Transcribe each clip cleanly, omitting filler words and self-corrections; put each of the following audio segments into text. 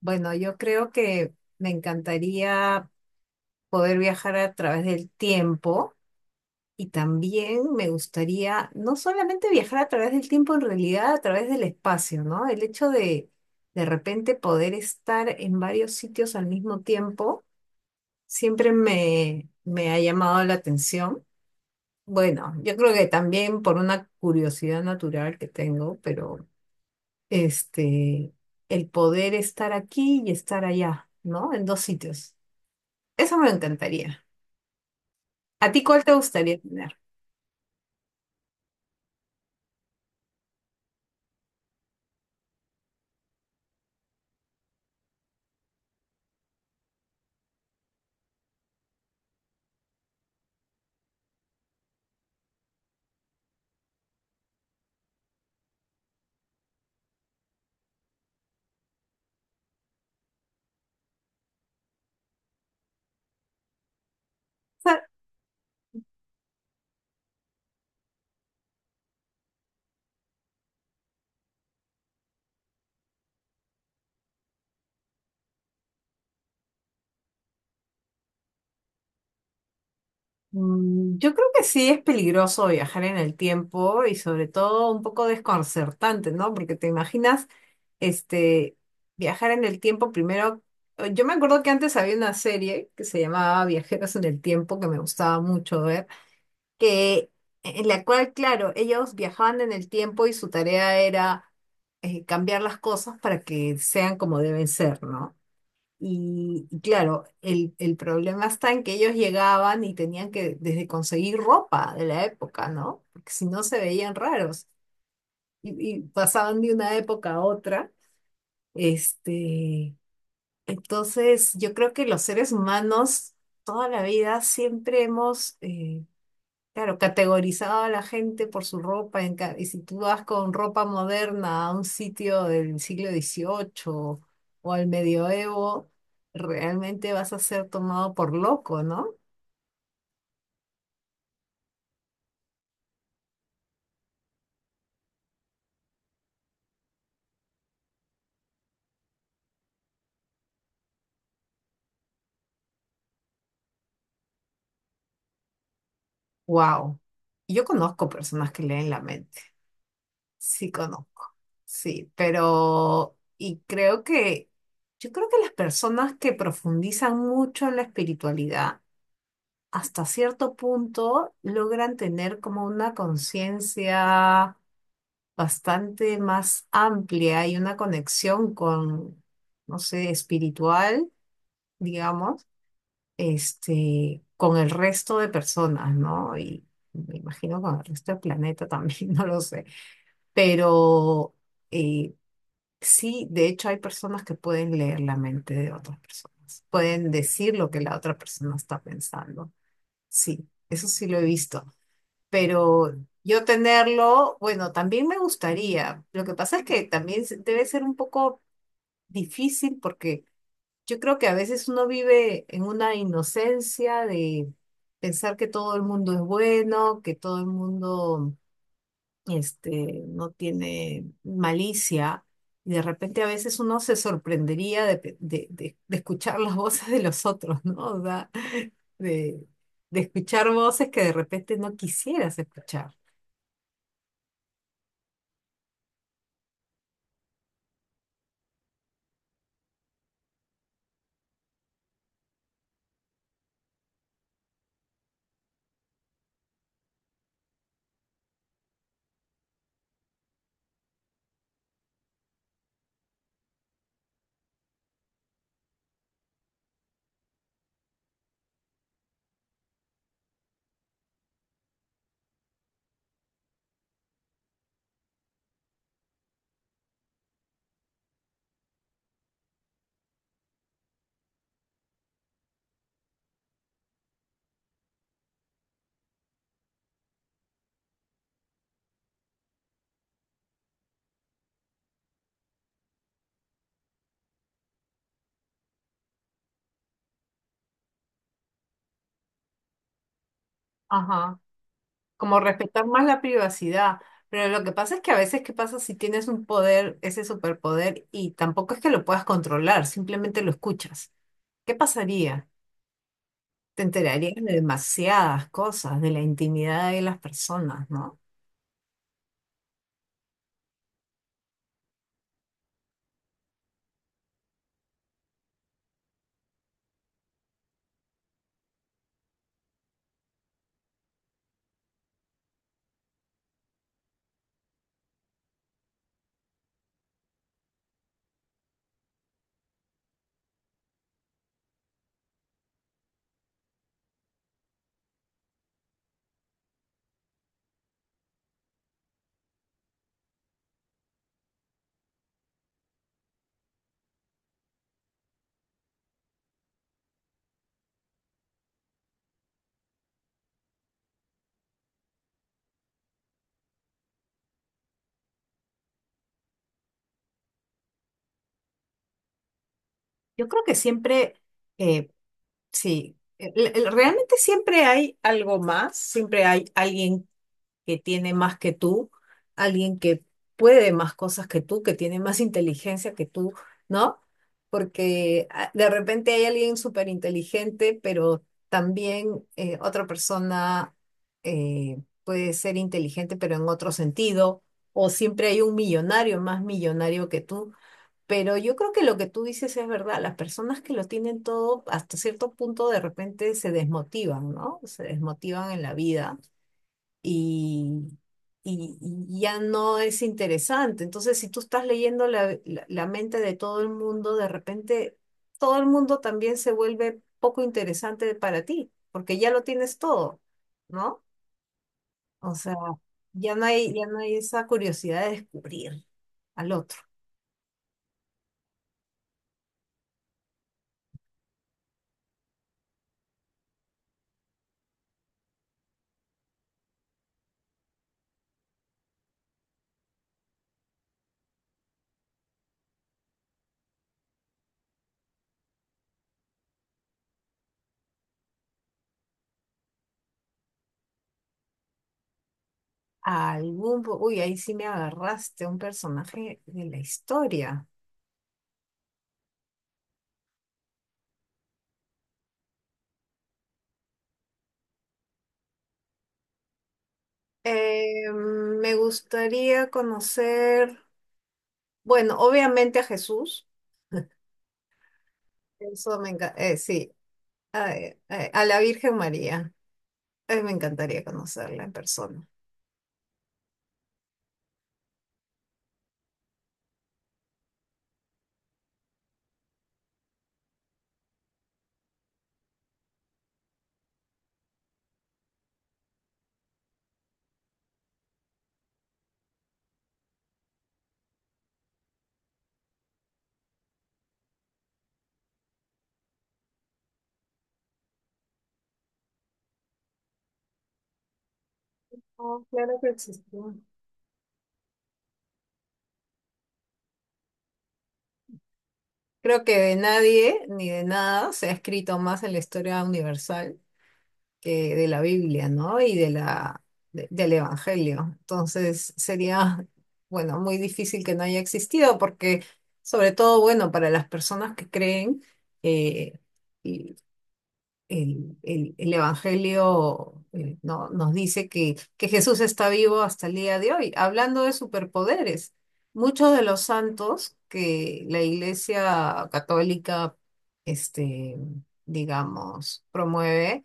Bueno, yo creo que me encantaría poder viajar a través del tiempo y también me gustaría no solamente viajar a través del tiempo, en realidad a través del espacio, ¿no? El hecho de repente poder estar en varios sitios al mismo tiempo siempre me ha llamado la atención. Bueno, yo creo que también por una curiosidad natural que tengo, pero este, el poder estar aquí y estar allá, ¿no? En dos sitios. Eso me encantaría. ¿A ti cuál te gustaría tener? O sea, mm, yo creo que sí es peligroso viajar en el tiempo y sobre todo un poco desconcertante, ¿no? Porque te imaginas, este, viajar en el tiempo primero. Yo me acuerdo que antes había una serie que se llamaba Viajeros en el Tiempo, que me gustaba mucho ver, que en la cual, claro, ellos viajaban en el tiempo y su tarea era cambiar las cosas para que sean como deben ser, ¿no? Y claro, el problema está en que ellos llegaban y tenían que desde conseguir ropa de la época, ¿no? Porque si no se veían raros y, y pasaban de una época a otra. Este, entonces, yo creo que los seres humanos toda la vida siempre hemos, claro, categorizaba a la gente por su ropa. Y si tú vas con ropa moderna a un sitio del siglo XVIII o al medioevo, realmente vas a ser tomado por loco, ¿no? Wow. Yo conozco personas que leen la mente. Sí, conozco. Sí, pero. Y creo que. Yo creo que las personas que profundizan mucho en la espiritualidad, hasta cierto punto, logran tener como una conciencia bastante más amplia y una conexión con, no sé, espiritual, digamos, con el resto de personas, ¿no? Y me imagino con el resto del planeta también, no lo sé. Pero eh, sí, de hecho hay personas que pueden leer la mente de otras personas, pueden decir lo que la otra persona está pensando. Sí, eso sí lo he visto pero yo tenerlo, bueno, también me gustaría. Lo que pasa es que también debe ser un poco difícil porque yo creo que a veces uno vive en una inocencia de pensar que todo el mundo es bueno, que todo el mundo no tiene malicia. Y de repente a veces uno se sorprendería de, de escuchar las voces de los otros, ¿no? O sea, de, de escuchar voces que de repente no quisieras escuchar. Ajá, como respetar más la privacidad, pero lo que pasa es que a veces, ¿qué pasa si tienes un poder, ese superpoder, y tampoco es que lo puedas controlar, simplemente lo escuchas? ¿Qué pasaría? Te enterarías de demasiadas cosas, de la intimidad de las personas, ¿no? Yo creo que siempre, eh, sí, realmente siempre hay algo más, siempre hay alguien que tiene más que tú, alguien que puede más cosas que tú, que tiene más inteligencia que tú, ¿no? Porque ah, de repente hay alguien súper inteligente, pero también otra persona puede ser inteligente, pero en otro sentido, o siempre hay un millonario más millonario que tú. Pero yo creo que lo que tú dices es verdad. Las personas que lo tienen todo, hasta cierto punto, de repente se desmotivan, ¿no? Se desmotivan en la vida y, y ya no es interesante. Entonces, si tú estás leyendo la mente de todo el mundo, de repente todo el mundo también se vuelve poco interesante para ti, porque ya lo tienes todo, ¿no? O sea, ya no hay esa curiosidad de descubrir al otro. Algún, uy, ahí sí me agarraste, un personaje de la historia. Me gustaría conocer, bueno, obviamente a Jesús. Eso me encanta. Sí, ay, ay, a la Virgen María. Ay, me encantaría conocerla en persona. Oh, claro que existió. Creo que de nadie ni de nada se ha escrito más en la historia universal que de la Biblia, ¿no? Y de la, del Evangelio. Entonces sería, bueno, muy difícil que no haya existido porque, sobre todo, bueno, para las personas que creen, eh, el, el Evangelio nos dice que Jesús está vivo hasta el día de hoy. Hablando de superpoderes, muchos de los santos que la Iglesia Católica, este, digamos, promueve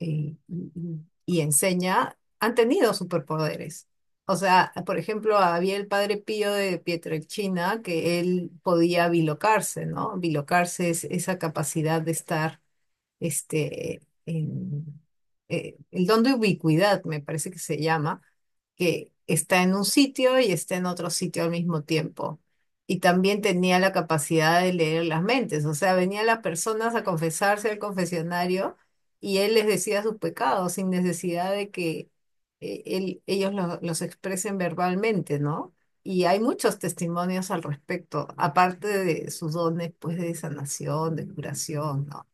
eh, y, y- y enseña, han tenido superpoderes. O sea, por ejemplo, había el padre Pío de Pietrelcina que él podía bilocarse, ¿no? Bilocarse es esa capacidad de estar este, en- el don de ubicuidad, me parece que se llama, que está en un sitio y está en otro sitio al mismo tiempo. Y también tenía la capacidad de leer las mentes, o sea, venían las personas a confesarse al confesionario y él les decía sus pecados sin necesidad de que ellos los expresen verbalmente, ¿no? Y hay muchos testimonios al respecto, aparte de sus dones, pues, de sanación, de curación, ¿no?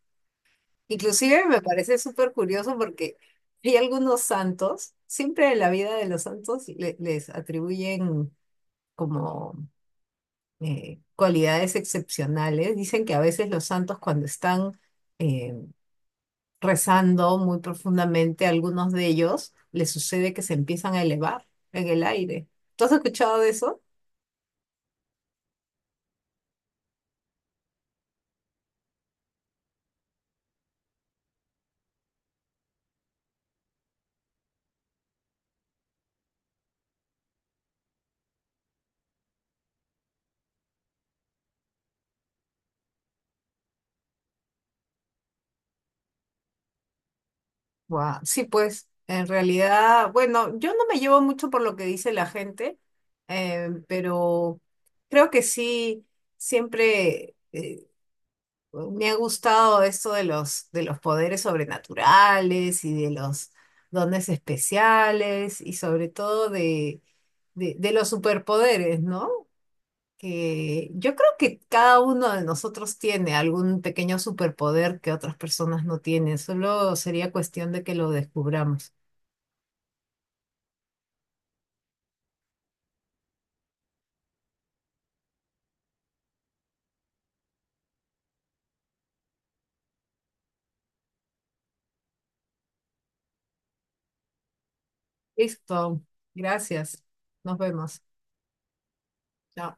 Inclusive me parece súper curioso porque hay algunos santos, siempre en la vida de los santos les atribuyen como cualidades excepcionales. Dicen que a veces los santos cuando están eh, rezando muy profundamente, algunos de ellos les sucede que se empiezan a elevar en el aire. ¿Tú has escuchado de eso? Guau, sí, pues en realidad, bueno, yo no me llevo mucho por lo que dice la gente, pero creo que sí, siempre me ha gustado esto de los poderes sobrenaturales y de los dones especiales y sobre todo de los superpoderes, ¿no? Que yo creo que cada uno de nosotros tiene algún pequeño superpoder que otras personas no tienen, solo sería cuestión de que lo descubramos. Listo. Gracias. Nos vemos. Chao.